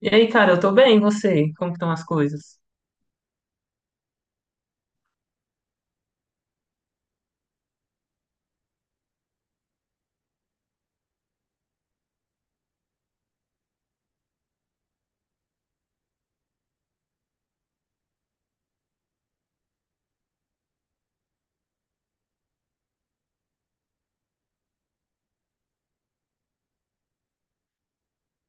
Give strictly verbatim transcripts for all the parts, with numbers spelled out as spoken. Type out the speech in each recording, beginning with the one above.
E aí, cara, eu tô bem, e você? Como que estão as coisas?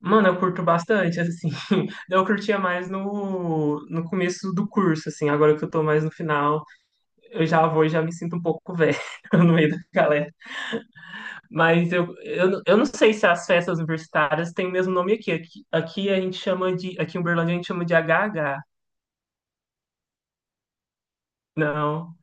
Mano, eu curto bastante, assim. Eu curtia mais no, no começo do curso, assim. Agora que eu tô mais no final, eu já vou e já me sinto um pouco velho no meio da galera. Mas eu, eu, não- eu não sei se as festas universitárias têm o mesmo nome aqui. Aqui, aqui a gente chama de... Aqui em Uberlândia a gente chama de H H. Não...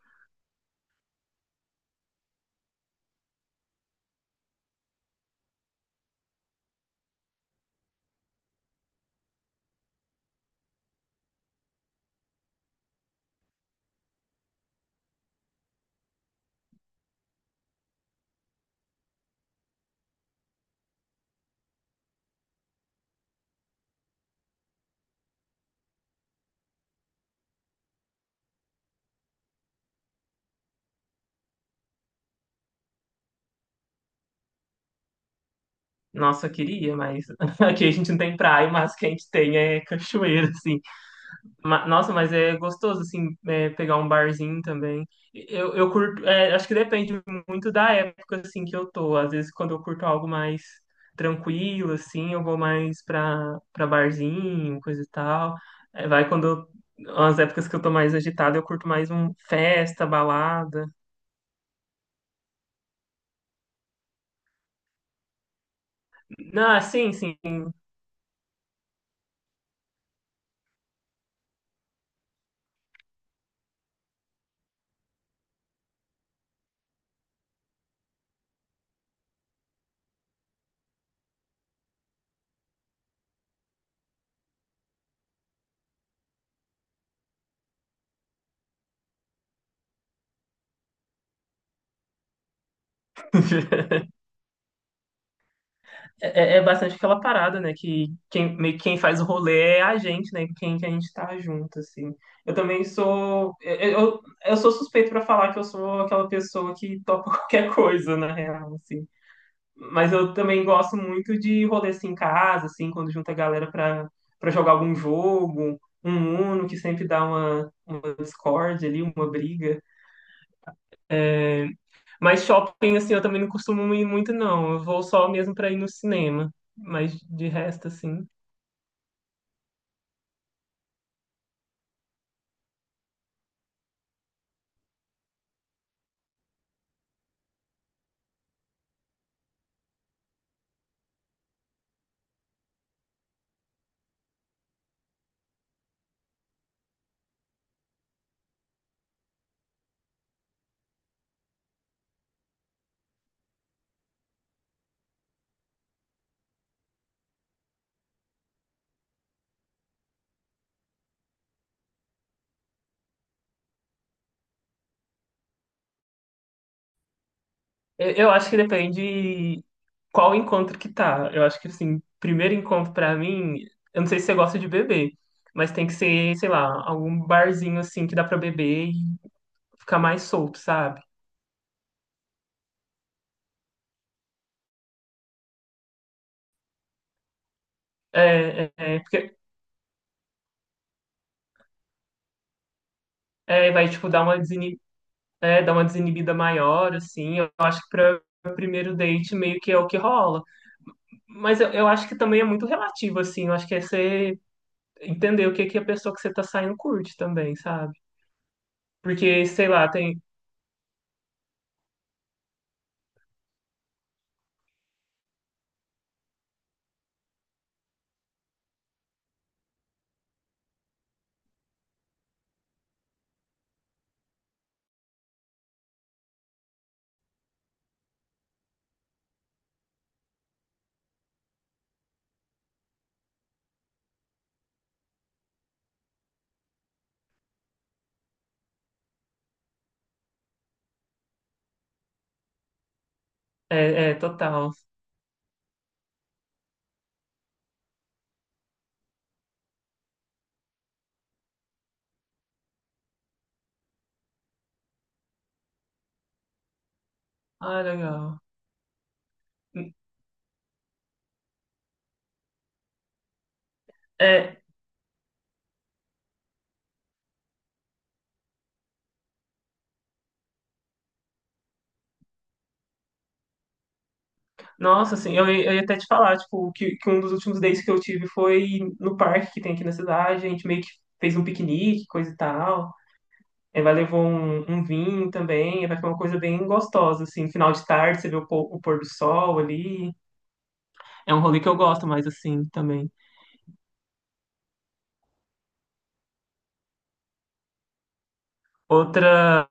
Nossa, eu queria, mas aqui a gente não tem praia, mas o que a gente tem é cachoeira, assim. Ma- Nossa, mas é gostoso, assim, é, pegar um barzinho também. Eu, eu curto, é, acho que depende muito da época, assim, que eu tô. Às vezes, quando eu curto algo mais tranquilo, assim, eu vou mais pra, pra barzinho, coisa e tal. É, vai quando eu, as épocas que eu tô mais agitado, eu curto mais um festa, balada. Não, sim, sim. É, é é bastante aquela parada, né? Que quem, meio que quem faz o rolê é a gente, né? Quem que a gente tá junto, assim. Eu também sou. Eu, eu, eu sou suspeito pra falar que eu sou aquela pessoa que topa qualquer coisa, na real, assim. Mas eu também gosto muito de rolê assim em casa, assim, quando junta a galera pra, pra jogar algum jogo, um Uno, que sempre dá uma, uma discórdia ali, uma briga. Mas shopping, assim, eu também não costumo ir muito, não. Eu vou só mesmo pra ir no cinema. Mas de resto, assim. Eu eu acho que depende qual encontro que tá. Eu acho que, assim, primeiro encontro pra mim, eu não sei se você gosta de beber, mas tem que ser, sei lá, algum barzinho, assim, que dá pra beber e ficar mais solto, sabe? É, é, é, porque é, vai, tipo, dar uma desini- é, dar uma desinibida maior, assim. Eu acho que pra primeiro date meio que é o que rola. Mas eu, eu acho que também é muito relativo, assim. Eu acho que é você entender o que que a pessoa que você tá saindo curte também, sabe? Porque, sei lá, tem... É, é, total. Ah, legal. É, nossa, assim, eu, ia- eu ia até te falar, tipo, que, que um dos últimos dates que eu tive foi no parque que tem aqui na cidade, a gente meio que fez um piquenique, coisa e tal. Aí vai levar um, um vinho também, aí vai ficar uma coisa bem gostosa, assim, final de tarde, você vê o, pô- o pôr do sol ali. É um rolê que eu gosto mais, assim, também. Outra.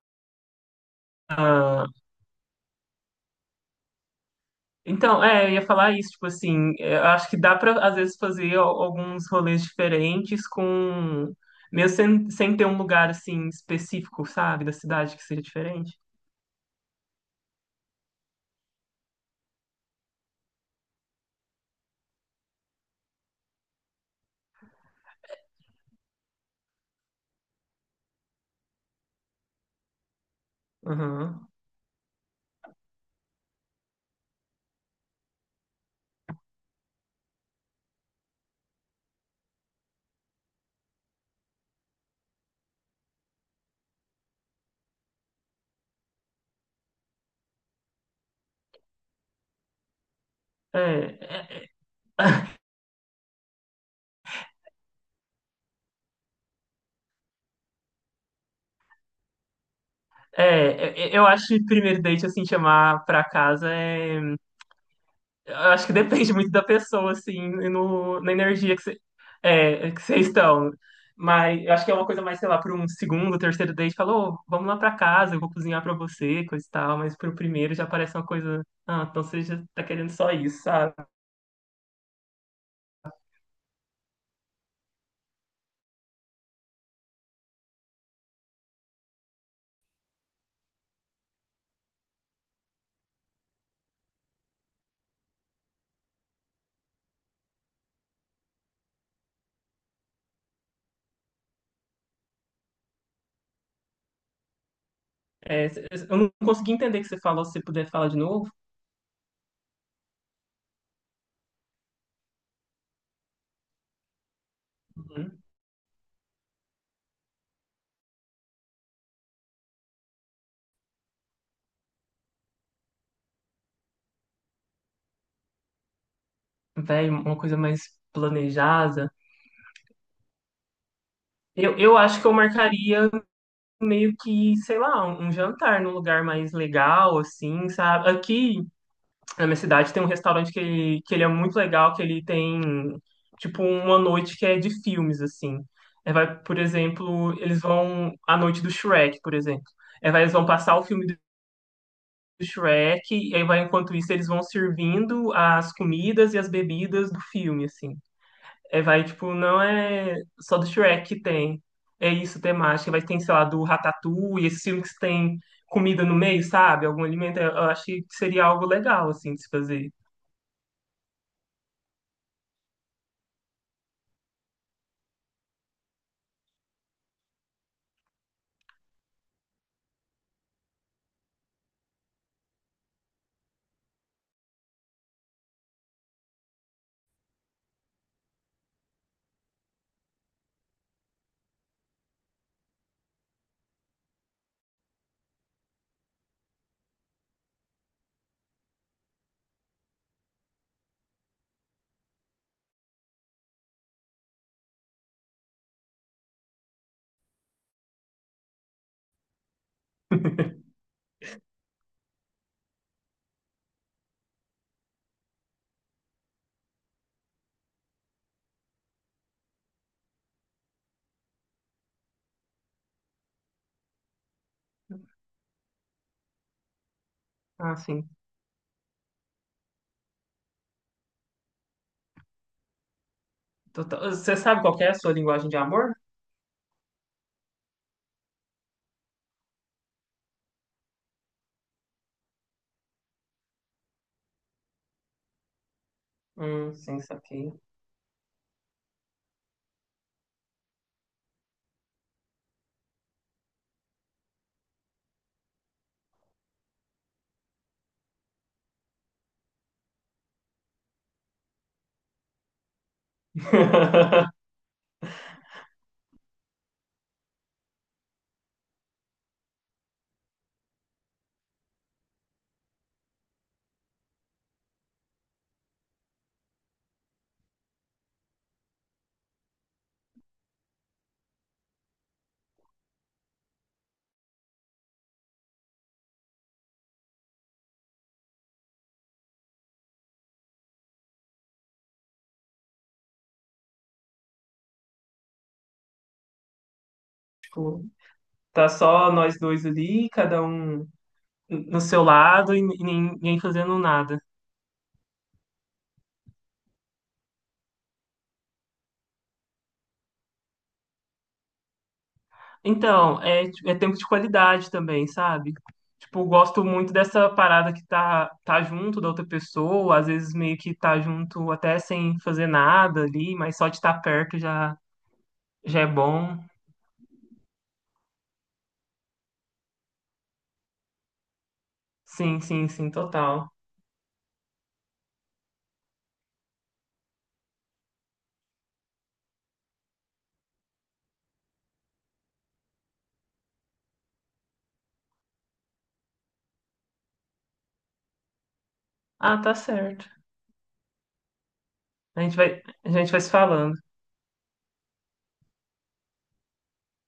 Então, é, eu ia falar isso, tipo assim, é, eu acho que dá pra, às vezes, fazer al- alguns rolês diferentes com, mesmo sem, sem ter um lugar, assim, específico, sabe, da cidade que seja diferente. Uhum. É, é, é, eu acho que primeiro date, assim, chamar pra casa é. Eu acho que depende muito da pessoa, assim, e no, na energia que você é, que vocês estão. Mas eu acho que é uma coisa mais, sei lá, para um segundo, terceiro date, falou: "Ô, vamos lá para casa, eu vou cozinhar para você, coisa e tal." Mas pro primeiro já parece uma coisa, ah, então você já tá querendo só isso, sabe? É, c- eu não consegui entender o que você falou, se você puder falar de novo. Uhum. Véi, uma coisa mais planejada. Eu, eu acho que eu marcaria meio que, sei lá, um um jantar num lugar mais legal, assim, sabe? Aqui na minha cidade tem um restaurante que ele, que ele é muito legal, que ele tem tipo uma noite que é de filmes, assim. É, vai, por exemplo, eles vão a noite do Shrek, por exemplo. É, vai, eles vão passar o filme do Shrek, e aí vai, enquanto isso, eles vão servindo as comidas e as bebidas do filme, assim. É, vai, tipo, não é só do Shrek que tem. É isso, temática. Vai tem sei lá, do Ratatouille, esses filmes que tem comida no meio, sabe? Algum alimento. Eu acho que seria algo legal, assim, de se fazer. Ah, sim. Total. Você sabe qual que é a sua linguagem de amor? Hum, sim, saquei. Tipo, tá só nós dois ali, cada um no seu lado e nin- ninguém fazendo nada. Então, é, é tempo de qualidade também, sabe? Tipo, gosto muito dessa parada que tá, tá junto da outra pessoa, às vezes meio que tá junto até sem fazer nada ali, mas só de estar perto já, já é bom. Sim, sim, sim, total. Ah, tá certo. A gente vai, a gente vai se falando.